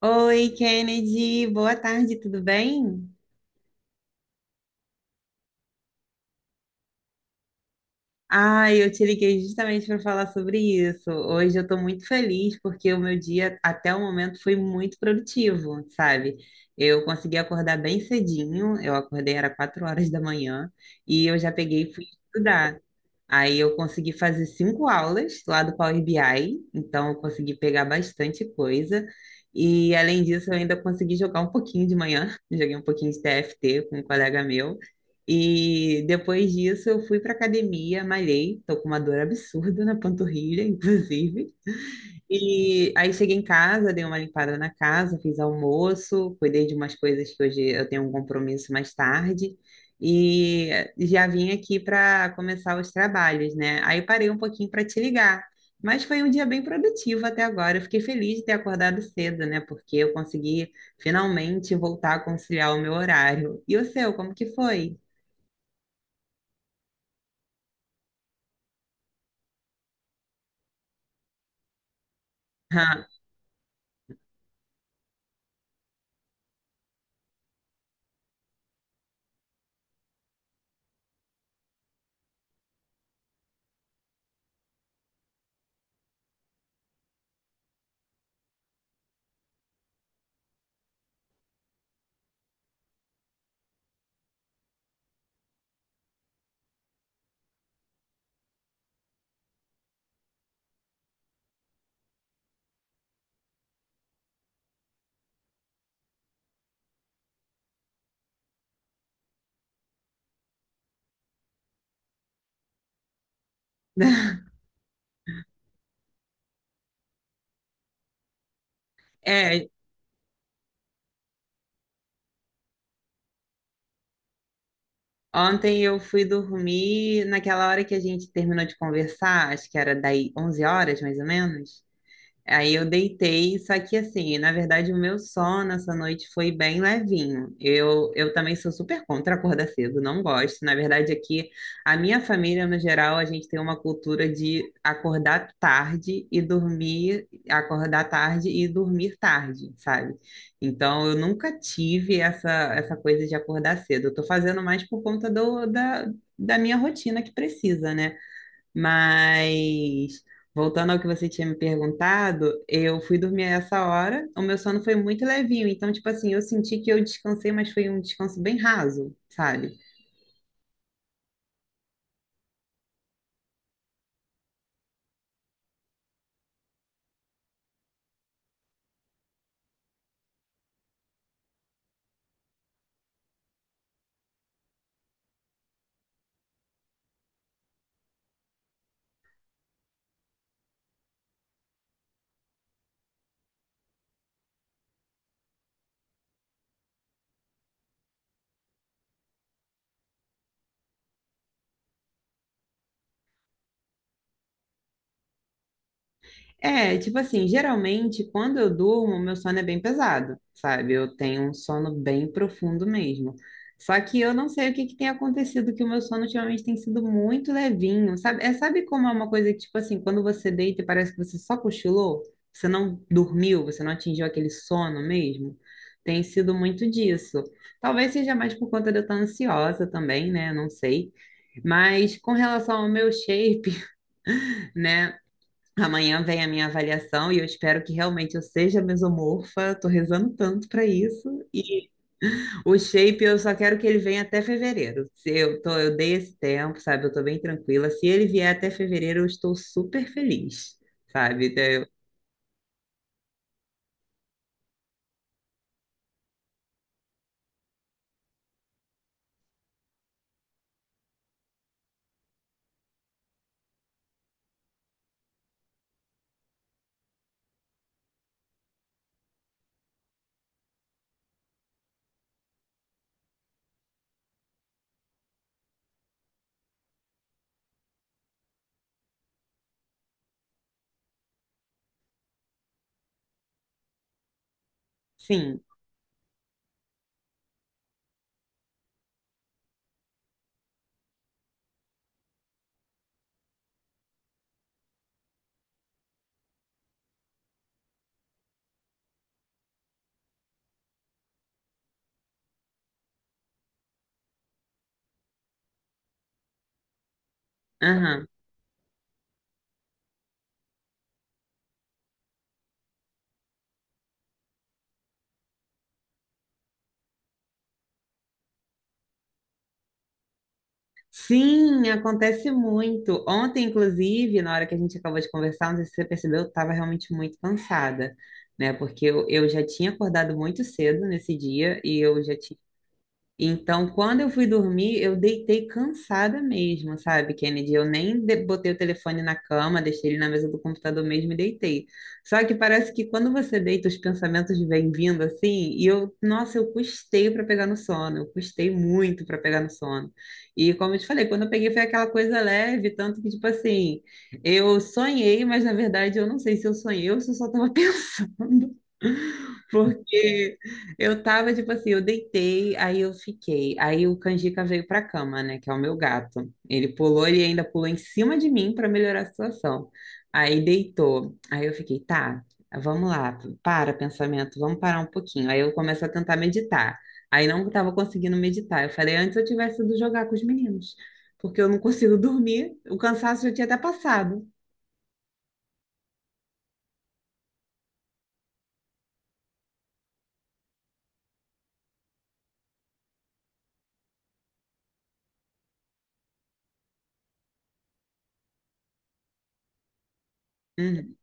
Oi, Kennedy, boa tarde, tudo bem? Ai, eu te liguei justamente para falar sobre isso. Hoje eu estou muito feliz porque o meu dia até o momento foi muito produtivo, sabe? Eu consegui acordar bem cedinho, eu acordei era 4 horas da manhã e eu já peguei e fui estudar. Aí eu consegui fazer 5 aulas lá do Power BI, então eu consegui pegar bastante coisa. E além disso, eu ainda consegui jogar um pouquinho de manhã, joguei um pouquinho de TFT com um colega meu. E depois disso, eu fui para academia, malhei, tô com uma dor absurda na panturrilha, inclusive. E aí cheguei em casa, dei uma limpada na casa, fiz almoço, cuidei de umas coisas que hoje eu tenho um compromisso mais tarde e já vim aqui para começar os trabalhos, né? Aí parei um pouquinho para te ligar, mas foi um dia bem produtivo até agora. Eu fiquei feliz de ter acordado cedo, né? Porque eu consegui finalmente voltar a conciliar o meu horário. E o seu, como que foi? É. Ontem eu fui dormir naquela hora que a gente terminou de conversar, acho que era daí 11 horas, mais ou menos. Aí eu deitei, só que assim, na verdade, o meu sono essa noite foi bem levinho. Eu também sou super contra acordar cedo, não gosto. Na verdade, aqui, a minha família, no geral, a gente tem uma cultura de acordar tarde e dormir, acordar tarde e dormir tarde, sabe? Então, eu nunca tive essa, essa coisa de acordar cedo. Eu tô fazendo mais por conta da minha rotina que precisa, né? Mas voltando ao que você tinha me perguntado, eu fui dormir a essa hora, o meu sono foi muito levinho, então tipo assim, eu senti que eu descansei, mas foi um descanso bem raso, sabe? É, tipo assim, geralmente quando eu durmo, meu sono é bem pesado, sabe? Eu tenho um sono bem profundo mesmo. Só que eu não sei o que que tem acontecido, que o meu sono ultimamente tem sido muito levinho, sabe? É, sabe como é uma coisa que, tipo assim, quando você deita e parece que você só cochilou, você não dormiu, você não atingiu aquele sono mesmo? Tem sido muito disso. Talvez seja mais por conta de eu estar ansiosa também, né? Não sei. Mas com relação ao meu shape, né? Amanhã vem a minha avaliação e eu espero que realmente eu seja mesomorfa. Tô rezando tanto para isso. E o shape eu só quero que ele venha até fevereiro. Se eu tô, eu dei esse tempo, sabe? Eu tô bem tranquila. Se ele vier até fevereiro, eu estou super feliz, sabe? Então, eu- Sim. Aham. Sim, acontece muito. Ontem, inclusive, na hora que a gente acabou de conversar, não sei se você percebeu, eu estava realmente muito cansada, né? Porque eu já tinha acordado muito cedo nesse dia e eu já. Então, quando eu fui dormir, eu deitei cansada mesmo, sabe, Kennedy? Eu nem botei o telefone na cama, deixei ele na mesa do computador mesmo e deitei. Só que parece que quando você deita, os pensamentos vêm vindo assim, e eu, nossa, eu custei para pegar no sono, eu custei muito para pegar no sono. E como eu te falei, quando eu peguei foi aquela coisa leve, tanto que, tipo assim, eu sonhei, mas na verdade eu não sei se eu sonhei ou se eu só estava pensando. Porque eu tava, tipo assim, eu deitei, aí eu fiquei. Aí o Canjica veio pra cama, né? Que é o meu gato. Ele pulou, ele ainda pulou em cima de mim para melhorar a situação. Aí deitou. Aí eu fiquei, tá, vamos lá, para pensamento, vamos parar um pouquinho. Aí eu começo a tentar meditar. Aí não tava conseguindo meditar. Eu falei, antes eu tivesse ido jogar com os meninos, porque eu não consigo dormir. O cansaço já tinha até passado. Uhum.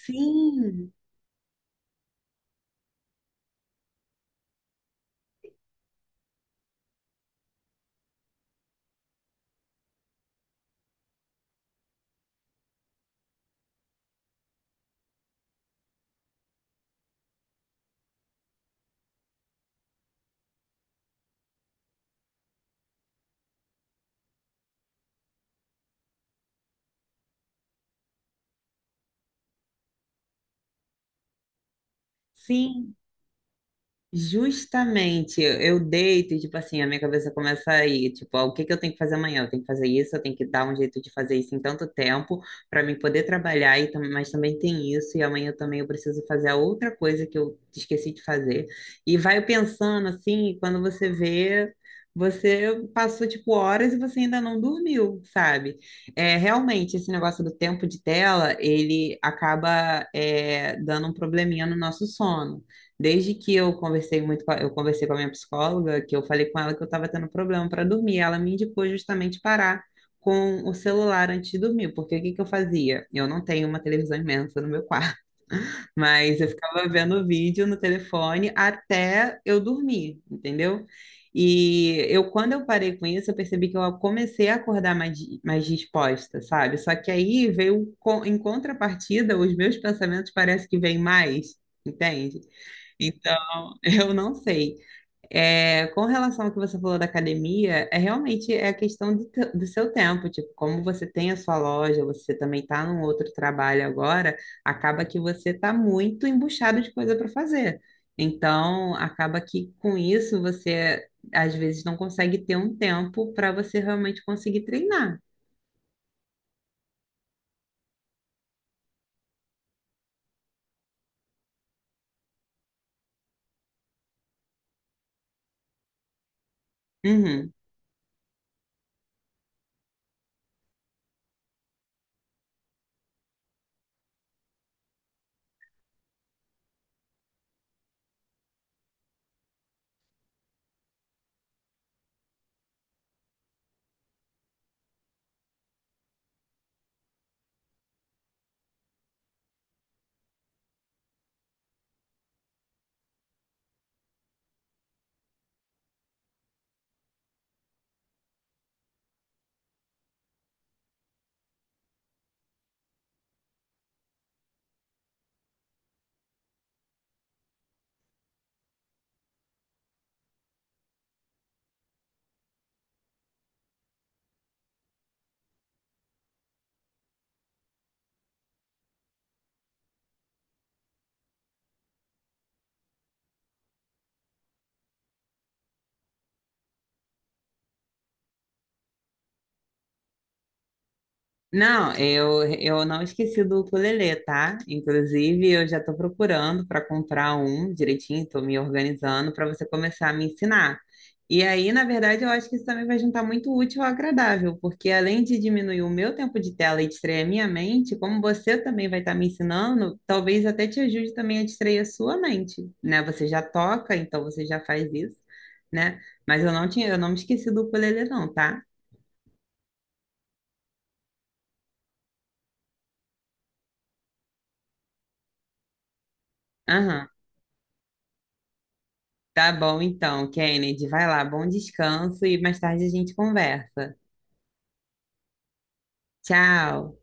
Sim, sim. Justamente, eu deito e, tipo assim, a minha cabeça começa a ir, tipo, ah, o que que eu tenho que fazer amanhã? Eu tenho que fazer isso, eu tenho que dar um jeito de fazer isso em tanto tempo para mim poder trabalhar, e, mas também tem isso, e amanhã também eu preciso fazer a outra coisa que eu esqueci de fazer. E vai pensando assim, e quando você vê, você passou, tipo, horas e você ainda não dormiu, sabe? É, realmente, esse negócio do tempo de tela, ele acaba, é, dando um probleminha no nosso sono. Desde que eu conversei muito com a, eu conversei com a minha psicóloga, que eu falei com ela que eu estava tendo problema para dormir, ela me indicou justamente parar com o celular antes de dormir, porque o que que eu fazia? Eu não tenho uma televisão imensa no meu quarto, mas eu ficava vendo vídeo no telefone até eu dormir, entendeu? E eu, quando eu parei com isso, eu percebi que eu comecei a acordar mais, mais disposta, sabe? Só que aí veio, em contrapartida, os meus pensamentos parece que vêm mais, entende? Então, eu não sei. É, com relação ao que você falou da academia, é realmente é a questão do, do seu tempo. Tipo, como você tem a sua loja, você também está num outro trabalho agora, acaba que você está muito embuchado de coisa para fazer. Então, acaba que com isso você às vezes não consegue ter um tempo para você realmente conseguir treinar. Uhum. Não, eu não esqueci do ukulele, tá? Inclusive, eu já tô procurando para comprar um direitinho, tô me organizando para você começar a me ensinar. E aí, na verdade, eu acho que isso também vai juntar muito útil ao agradável, porque além de diminuir o meu tempo de tela e distrair a minha mente, como você também vai estar me ensinando, talvez até te ajude também a distrair a sua mente, né? Você já toca, então você já faz isso, né? Mas eu não tinha, eu não me esqueci do ukulele, não, tá? Aham. Tá bom então, Kennedy. Vai lá, bom descanso e mais tarde a gente conversa. Tchau.